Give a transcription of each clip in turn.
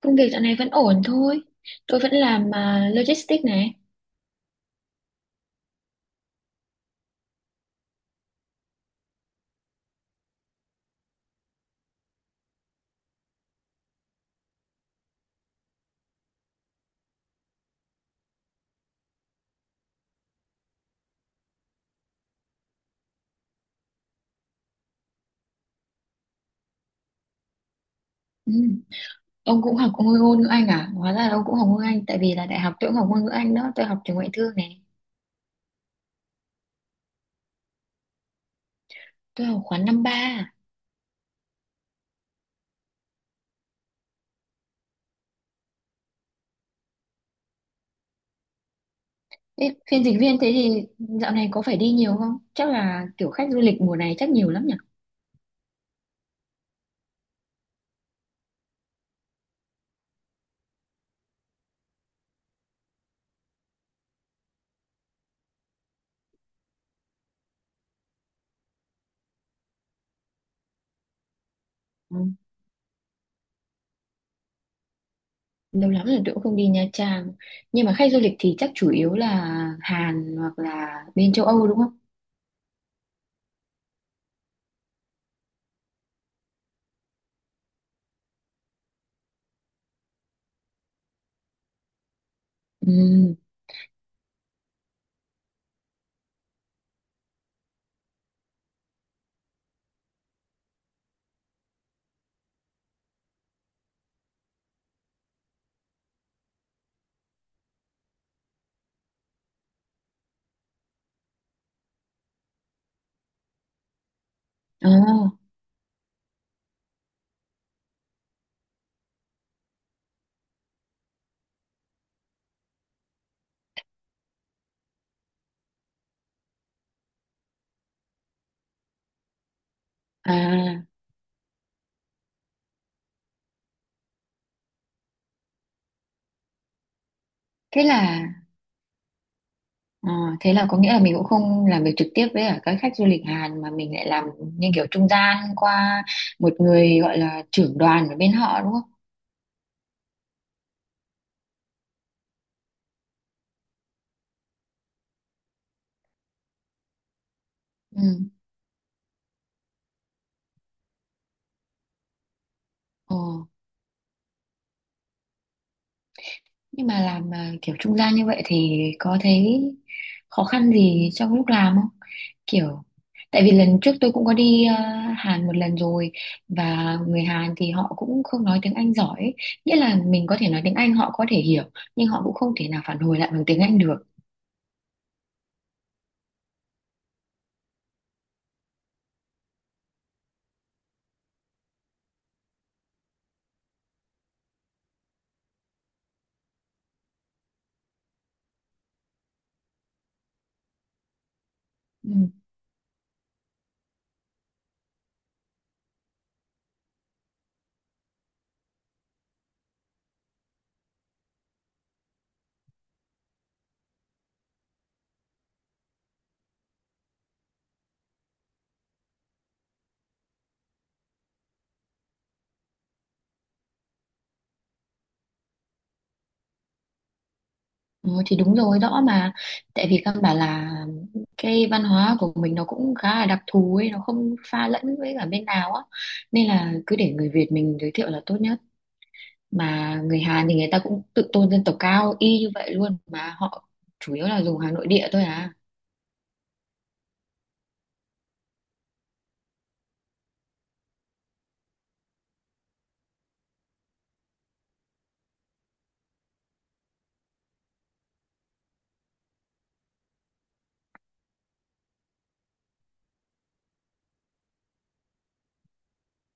Công việc dạo này vẫn ổn thôi. Tôi vẫn làm logistics này. Ừ. Ông cũng học ngôn ngôn ngữ Anh à? Hóa ra là ông cũng học ngôn ngữ Anh tại vì là đại học tôi cũng học ngôn ngữ Anh đó. Tôi học trường ngoại thương này. Tôi học khóa năm ba. À. Ê, phiên dịch viên thế thì dạo này có phải đi nhiều không? Chắc là kiểu khách du lịch mùa này chắc nhiều lắm nhỉ? Ừ. Lâu lắm rồi tôi cũng không đi Nha Trang. Nhưng mà khách du lịch thì chắc chủ yếu là Hàn hoặc là bên châu Âu đúng không? Ừ. Ồ. À. Thế là Ờ, thế là có nghĩa là mình cũng không làm việc trực tiếp với cả các khách du lịch Hàn mà mình lại làm như kiểu trung gian qua một người gọi là trưởng đoàn ở bên họ đúng không? Ừ. Ờ, nhưng mà làm kiểu trung gian như vậy thì có thấy khó khăn gì trong lúc làm không? Kiểu tại vì lần trước tôi cũng có đi Hàn một lần rồi và người Hàn thì họ cũng không nói tiếng Anh giỏi ấy. Nghĩa là mình có thể nói tiếng Anh họ có thể hiểu nhưng họ cũng không thể nào phản hồi lại bằng tiếng Anh được. Ừ. Ừ, thì đúng rồi rõ mà, tại vì căn bản là cái văn hóa của mình nó cũng khá là đặc thù ấy, nó không pha lẫn với cả bên nào á, nên là cứ để người Việt mình giới thiệu là tốt nhất, mà người Hàn thì người ta cũng tự tôn dân tộc cao y như vậy luôn mà họ chủ yếu là dùng hàng nội địa thôi à.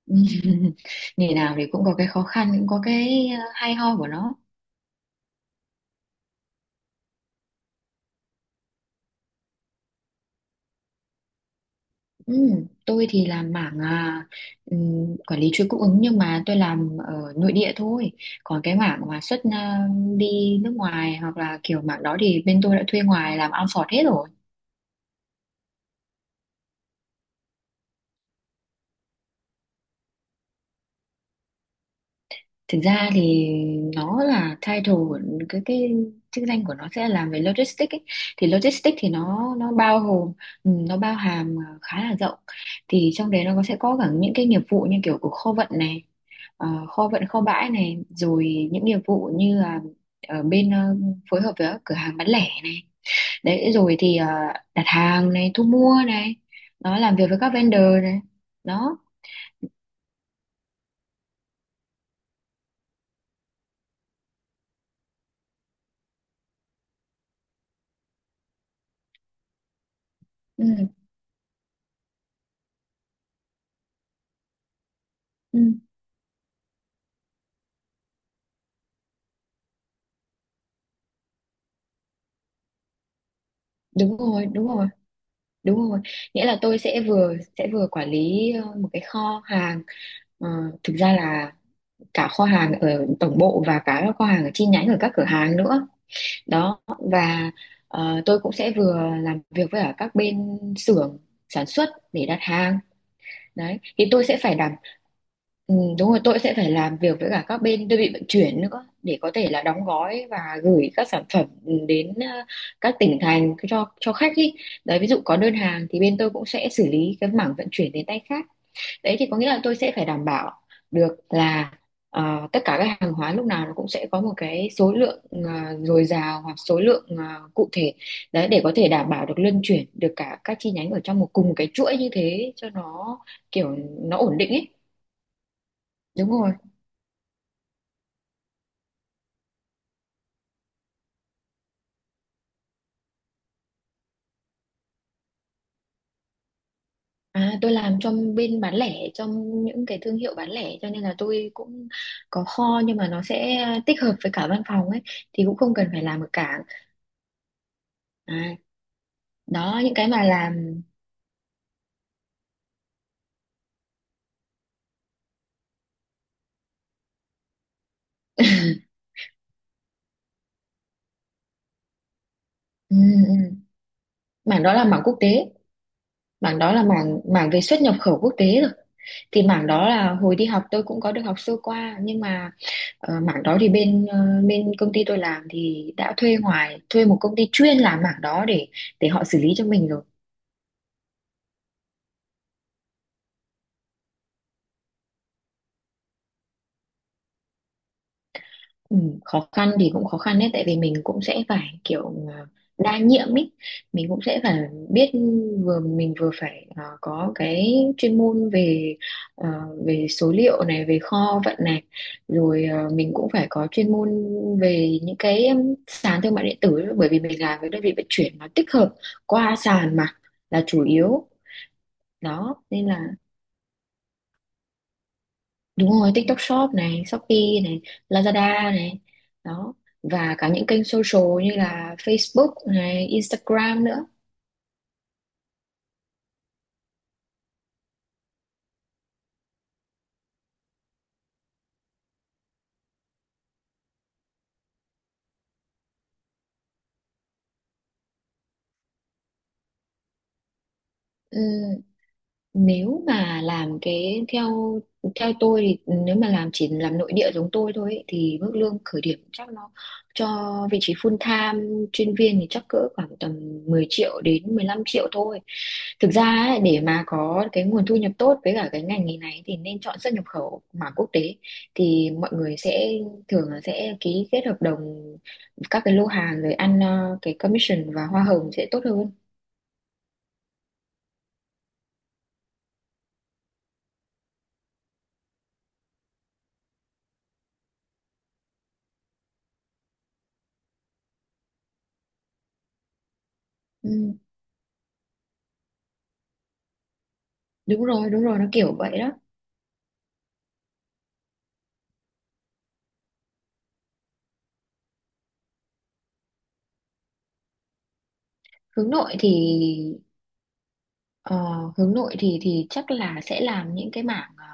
Nghề nào thì cũng có cái khó khăn cũng có cái hay ho của nó. Ừ, tôi thì làm mảng quản lý chuỗi cung ứng nhưng mà tôi làm ở nội địa thôi. Còn cái mảng mà xuất đi nước ngoài hoặc là kiểu mảng đó thì bên tôi đã thuê ngoài làm outsource hết rồi. Thực ra thì nó là title của cái chức danh của nó sẽ làm về logistics ấy. Thì logistics thì nó bao gồm, ừ, nó bao hàm khá là rộng. Thì trong đấy sẽ có cả những cái nghiệp vụ như kiểu của kho vận này, kho vận kho bãi này, rồi những nghiệp vụ như là ở bên, phối hợp với các cửa hàng bán lẻ này, đấy rồi thì đặt hàng này, thu mua này, nó làm việc với các vendor này, đó. Ừ, ừ, đúng rồi đúng rồi đúng rồi, nghĩa là tôi sẽ vừa quản lý một cái kho hàng. Ờ, Thực ra là cả kho hàng ở tổng bộ và cả kho hàng ở chi nhánh ở các cửa hàng nữa đó. Và tôi cũng sẽ vừa làm việc với cả các bên xưởng sản xuất để đặt hàng đấy. Thì tôi sẽ phải ừ, đúng rồi tôi sẽ phải làm việc với cả các bên đơn vị vận chuyển nữa để có thể là đóng gói và gửi các sản phẩm đến các tỉnh thành cho khách ý. Đấy ví dụ có đơn hàng thì bên tôi cũng sẽ xử lý cái mảng vận chuyển đến tay khách. Đấy thì có nghĩa là tôi sẽ phải đảm bảo được là tất cả các hàng hóa lúc nào nó cũng sẽ có một cái số lượng dồi dào hoặc số lượng cụ thể. Đấy để có thể đảm bảo được luân chuyển được cả các chi nhánh ở trong một cùng một cái chuỗi như thế cho nó kiểu nó ổn định ấy. Đúng rồi, tôi làm trong bên bán lẻ trong những cái thương hiệu bán lẻ cho nên là tôi cũng có kho nhưng mà nó sẽ tích hợp với cả văn phòng ấy. Thì cũng không cần phải làm ở cảng. À, đó những cái mà làm, ừ, ừ. Mảng đó là mảng quốc tế. Mảng đó là mảng mảng về xuất nhập khẩu quốc tế rồi. Thì mảng đó là hồi đi học tôi cũng có được học sơ qua nhưng mà, mảng đó thì bên công ty tôi làm thì đã thuê ngoài, thuê một công ty chuyên làm mảng đó để họ xử lý cho mình rồi. Ừ, khó khăn thì cũng khó khăn đấy, tại vì mình cũng sẽ phải kiểu ờ, đa nhiệm ý. Mình cũng sẽ phải biết, vừa mình vừa phải có cái chuyên môn về, ờ, về số liệu này, về kho vận này, rồi mình cũng phải có chuyên môn về những cái sàn thương mại điện tử, bởi vì mình làm với đơn vị vận chuyển nó tích hợp qua sàn mà là chủ yếu đó, nên là. Đúng rồi, TikTok Shop này, Shopee này, Lazada này, đó. Và cả những kênh social như là Facebook này, Instagram nữa. Ừ, nếu mà làm cái theo theo tôi thì nếu mà làm chỉ làm nội địa giống tôi thôi ấy, thì mức lương khởi điểm chắc nó, cho vị trí full time chuyên viên thì chắc cỡ khoảng tầm 10 triệu đến 15 triệu thôi. Thực ra ấy, để mà có cái nguồn thu nhập tốt với cả cái ngành nghề này thì nên chọn xuất nhập khẩu mà quốc tế, thì mọi người sẽ thường là sẽ ký kết hợp đồng các cái lô hàng rồi ăn cái commission và hoa hồng sẽ tốt hơn. Ừ, đúng rồi, nó kiểu vậy đó. Hướng nội thì ờ, chắc là sẽ làm những cái mảng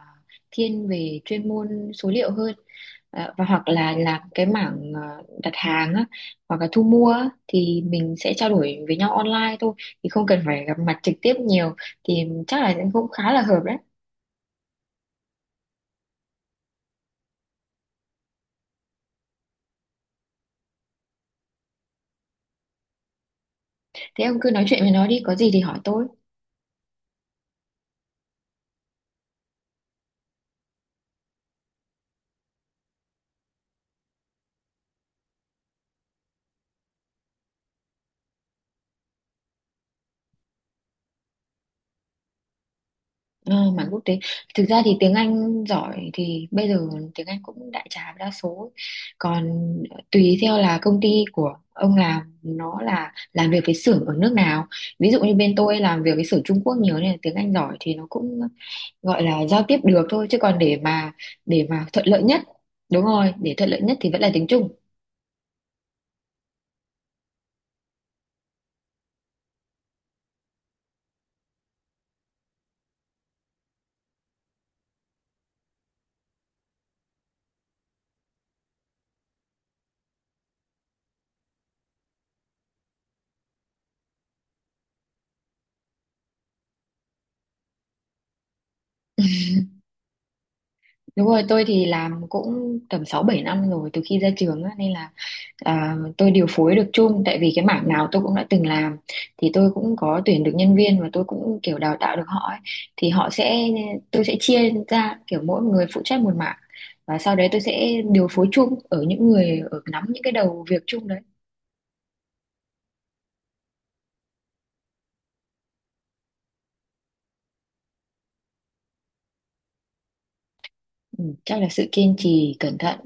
thiên về chuyên môn số liệu hơn. Và hoặc là làm cái mảng đặt hàng á, hoặc là thu mua á, thì mình sẽ trao đổi với nhau online thôi, thì không cần phải gặp mặt trực tiếp nhiều, thì chắc là cũng khá là hợp đấy. Thế ông cứ nói chuyện với nó đi, có gì thì hỏi tôi. Ờ, mảng quốc tế, thực ra thì tiếng Anh giỏi thì bây giờ tiếng Anh cũng đại trà đa số. Còn tùy theo là công ty của ông làm nó là làm việc với xưởng ở nước nào, ví dụ như bên tôi làm việc với xưởng Trung Quốc nhiều nên là tiếng Anh giỏi thì nó cũng gọi là giao tiếp được thôi, chứ còn để mà thuận lợi nhất, đúng rồi, để thuận lợi nhất thì vẫn là tiếng Trung. Đúng rồi, tôi thì làm cũng tầm 6 7 năm rồi từ khi ra trường á, nên là tôi điều phối được chung tại vì cái mảng nào tôi cũng đã từng làm. Thì tôi cũng có tuyển được nhân viên và tôi cũng kiểu đào tạo được họ ấy. Thì họ sẽ tôi sẽ chia ra kiểu mỗi người phụ trách một mảng và sau đấy tôi sẽ điều phối chung ở những người ở nắm những cái đầu việc chung đấy. Chắc là sự kiên trì, cẩn thận,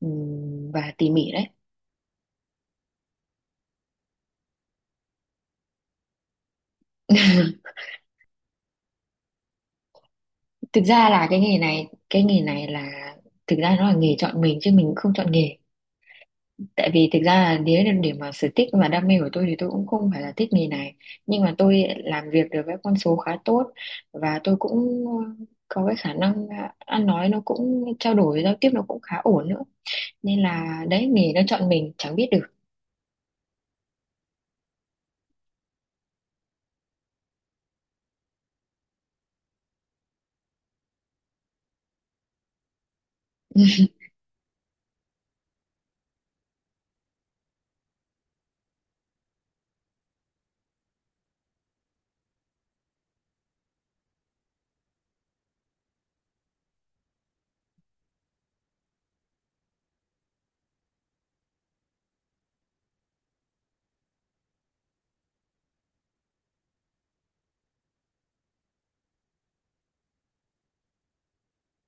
và tỉ mỉ đấy. Thực ra là cái nghề này là, thực ra nó là nghề chọn mình chứ mình cũng không chọn nghề, tại vì thực ra là nếu để mà sở thích và đam mê của tôi thì tôi cũng không phải là thích nghề này, nhưng mà tôi làm việc được với con số khá tốt và tôi cũng có cái khả năng ăn nói nó cũng, trao đổi giao tiếp nó cũng khá ổn nữa, nên là đấy nghề nó chọn mình chẳng biết được.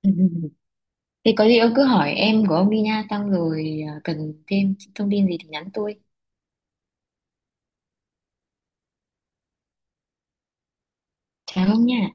Thì có gì ông cứ hỏi em của ông đi nha, xong rồi cần thêm thông tin gì thì nhắn tôi. Chào ông nha.